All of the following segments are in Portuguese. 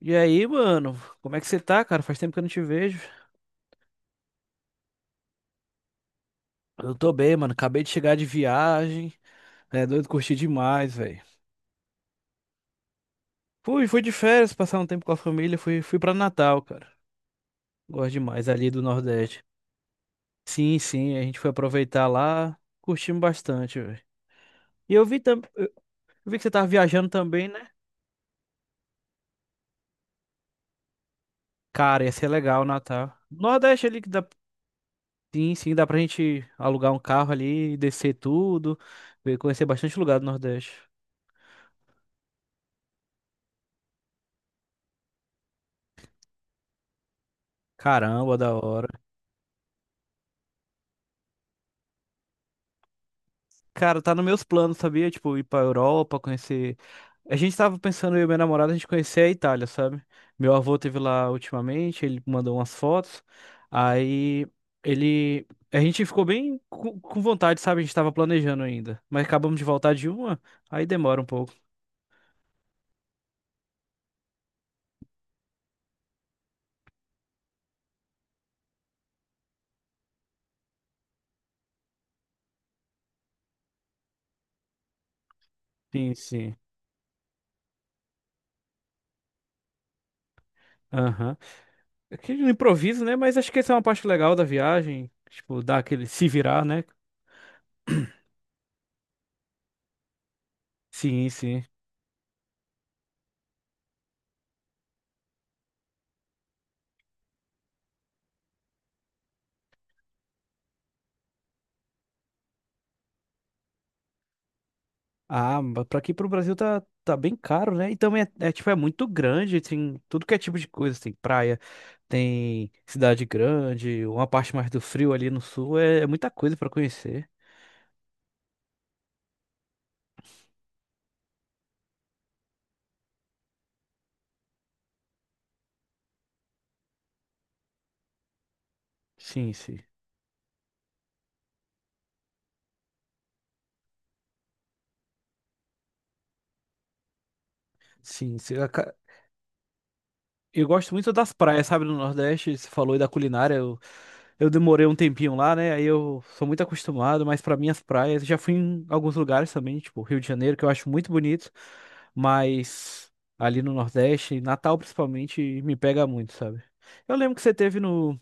E aí, mano, como é que você tá, cara? Faz tempo que eu não te vejo. Eu tô bem, mano. Acabei de chegar de viagem. É doido, curti demais, velho. Fui de férias, passar um tempo com a família. Fui pra Natal, cara. Gosto demais ali do Nordeste. Sim, a gente foi aproveitar lá. Curtimos bastante, velho. E eu vi que você tava viajando também, né? Cara, ia ser legal o Natal. Nordeste ali que dá. Sim, dá pra gente alugar um carro ali, descer tudo, conhecer bastante lugar do Nordeste. Caramba, da hora. Cara, tá nos meus planos, sabia? Tipo, ir pra Europa, conhecer. A gente tava pensando, eu e minha namorada, a gente conhecer a Itália, sabe? Meu avô teve lá ultimamente, ele mandou umas fotos. Aí ele. A gente ficou bem com vontade, sabe? A gente tava planejando ainda. Mas acabamos de voltar de uma, aí demora um pouco. Sim, sim. Aham. Aquele improviso, né? Mas acho que essa é uma parte legal da viagem. Tipo, dar aquele se virar, né? Sim, sim. Ah, mas pra aqui pro Brasil tá bem caro, né? E também é, tipo, é muito grande, tem tudo que é tipo de coisa, tem praia, tem cidade grande, uma parte mais do frio ali no sul, é muita coisa pra conhecer. Sim, sim. Sim, sim. Eu gosto muito das praias, sabe, no Nordeste, você falou aí da culinária. Eu demorei um tempinho lá, né? Aí eu sou muito acostumado, mas pra mim as praias, já fui em alguns lugares também, tipo Rio de Janeiro, que eu acho muito bonito, mas ali no Nordeste, Natal principalmente, me pega muito, sabe? Eu lembro que você teve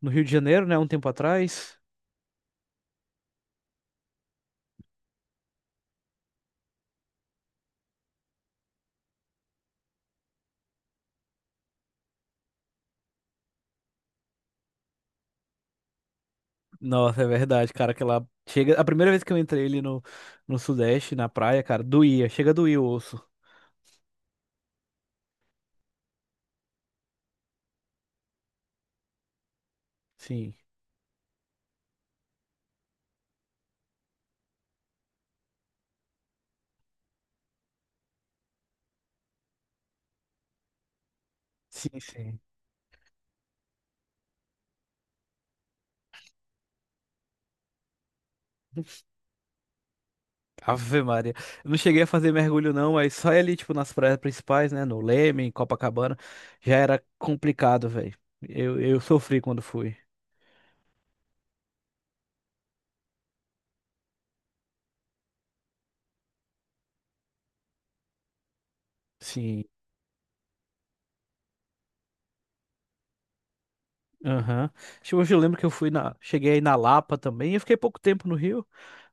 no Rio de Janeiro, né, um tempo atrás. Nossa, é verdade, cara, que lá chega, a primeira vez que eu entrei ali no, no Sudeste, na praia, cara, doía, chega a doer o osso. Sim, sim, sim. Ave Maria. Eu não cheguei a fazer mergulho, não, mas só ali, tipo, nas praias principais, né? No Leme, em Copacabana, já era complicado, velho. Eu sofri quando fui. Sim. Aham. Acho que hoje eu lembro que eu fui na. Cheguei aí na Lapa também. Eu fiquei pouco tempo no Rio,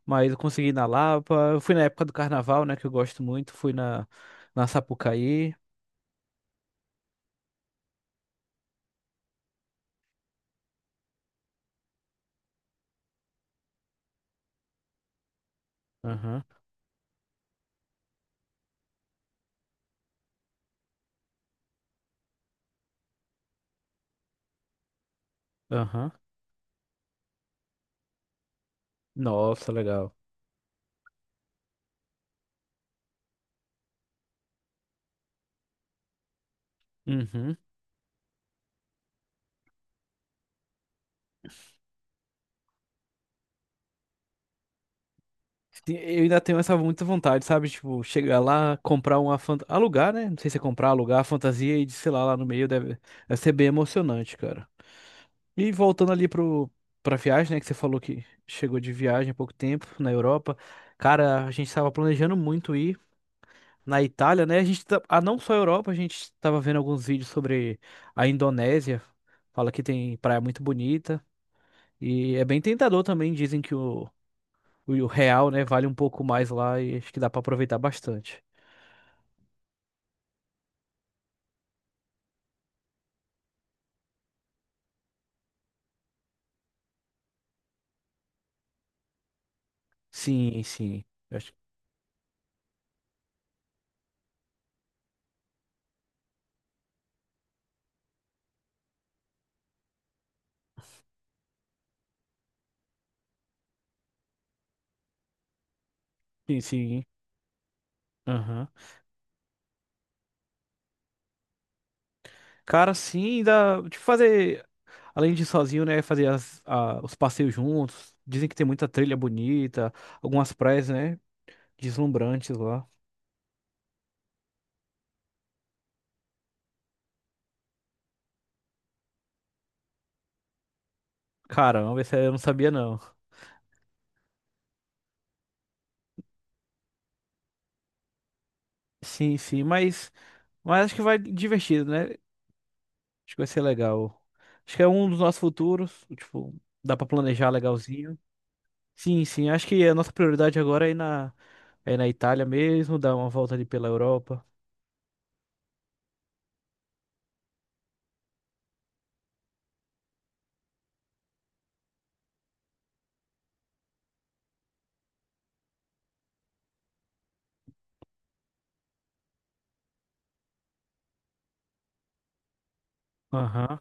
mas eu consegui ir na Lapa. Eu fui na época do carnaval, né? Que eu gosto muito. Na Sapucaí. Aham. Aham. Nossa, legal. Uhum. Eu ainda tenho essa muita vontade, sabe? Tipo, chegar lá, comprar uma fanta... Alugar, né? Não sei se é comprar, alugar a fantasia e de, sei lá, lá no meio deve ser bem emocionante, cara. E voltando ali pro... pra viagem, né? Que você falou que chegou de viagem há pouco tempo na Europa. Cara, a gente tava planejando muito ir na Itália, né? A gente tá... ah, não só a Europa, a gente tava vendo alguns vídeos sobre a Indonésia. Fala que tem praia muito bonita. E é bem tentador também, dizem que o real, né, vale um pouco mais lá e acho que dá pra aproveitar bastante. Sim, sim. Eu acho que sim, sim. Aham. Cara, sim, dá de fazer, além de ir sozinho, né, fazer os passeios juntos. Dizem que tem muita trilha bonita, algumas praias, né, deslumbrantes lá. Caramba, esse aí eu não sabia, não. Sim, sim, mas acho que vai divertido, né? Acho que vai ser legal. Acho que é um dos nossos futuros, tipo, dá pra planejar legalzinho. Sim, sim. Acho que a nossa prioridade agora é ir é na Itália mesmo, dar uma volta ali pela Europa. Aham.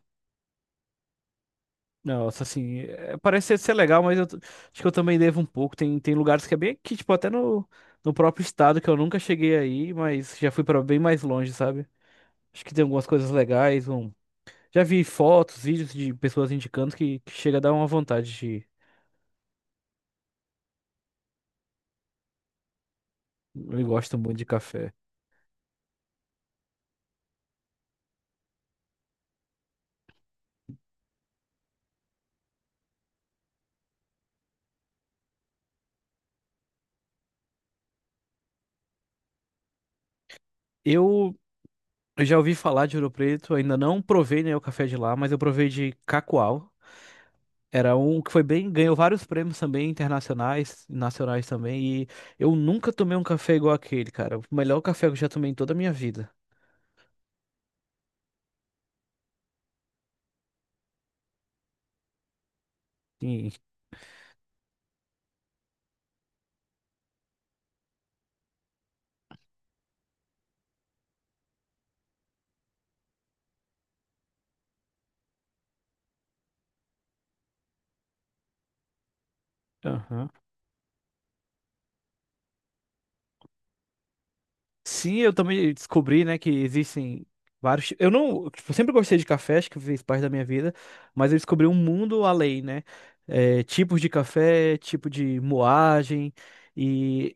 Nossa, assim, é, parece ser legal, mas acho que eu também devo um pouco. Tem lugares que é bem aqui, tipo, até no, no próprio estado que eu nunca cheguei aí, mas já fui para bem mais longe, sabe? Acho que tem algumas coisas legais. Um... Já vi fotos, vídeos de pessoas indicando que chega a dar uma vontade de ir. Eu gosto muito de café. Eu eu já ouvi falar de Ouro Preto, ainda não provei, né, o café de lá, mas eu provei de Cacoal. Era um que foi bem, ganhou vários prêmios também, internacionais, nacionais também, e eu nunca tomei um café igual aquele, cara. O melhor café que eu já tomei em toda a minha vida. Sim. Sim, eu também descobri, né, que existem vários. Eu não, tipo, eu sempre gostei de café, acho que fez parte da minha vida, mas eu descobri um mundo além, né? É, tipos de café, tipo de moagem e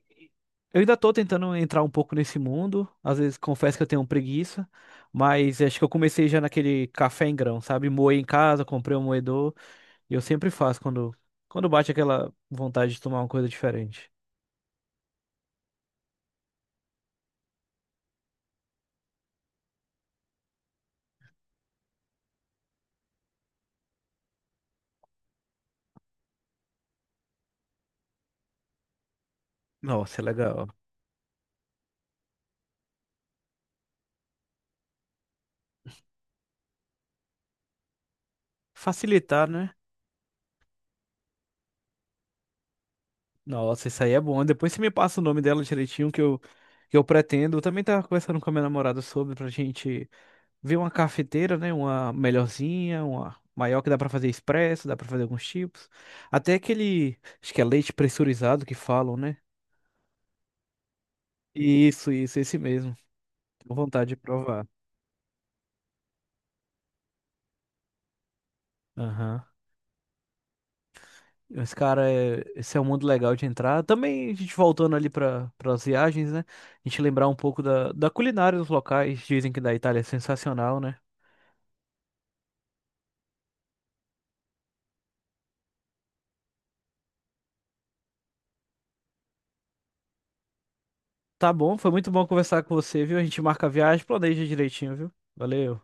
eu ainda tô tentando entrar um pouco nesse mundo. Às vezes confesso que eu tenho preguiça, mas acho que eu comecei já naquele café em grão, sabe? Moei em casa, comprei um moedor e eu sempre faço quando bate aquela vontade de tomar uma coisa diferente. Nossa, é legal. Facilitar, né? Nossa, isso aí é bom. Depois você me passa o nome dela direitinho que eu pretendo. Eu também tava conversando com a minha namorada sobre pra gente ver uma cafeteira, né? Uma melhorzinha, uma maior que dá pra fazer expresso, dá pra fazer alguns tipos. Até aquele, acho que é leite pressurizado que falam, né? Isso, esse mesmo. Tenho vontade de provar. Aham. Esse cara é, esse é um mundo legal de entrar. Também a gente voltando ali para as viagens, né? A gente lembrar um pouco da, da culinária dos locais. Dizem que da Itália é sensacional, né? Tá bom, foi muito bom conversar com você, viu? A gente marca a viagem, planeja direitinho, viu? Valeu.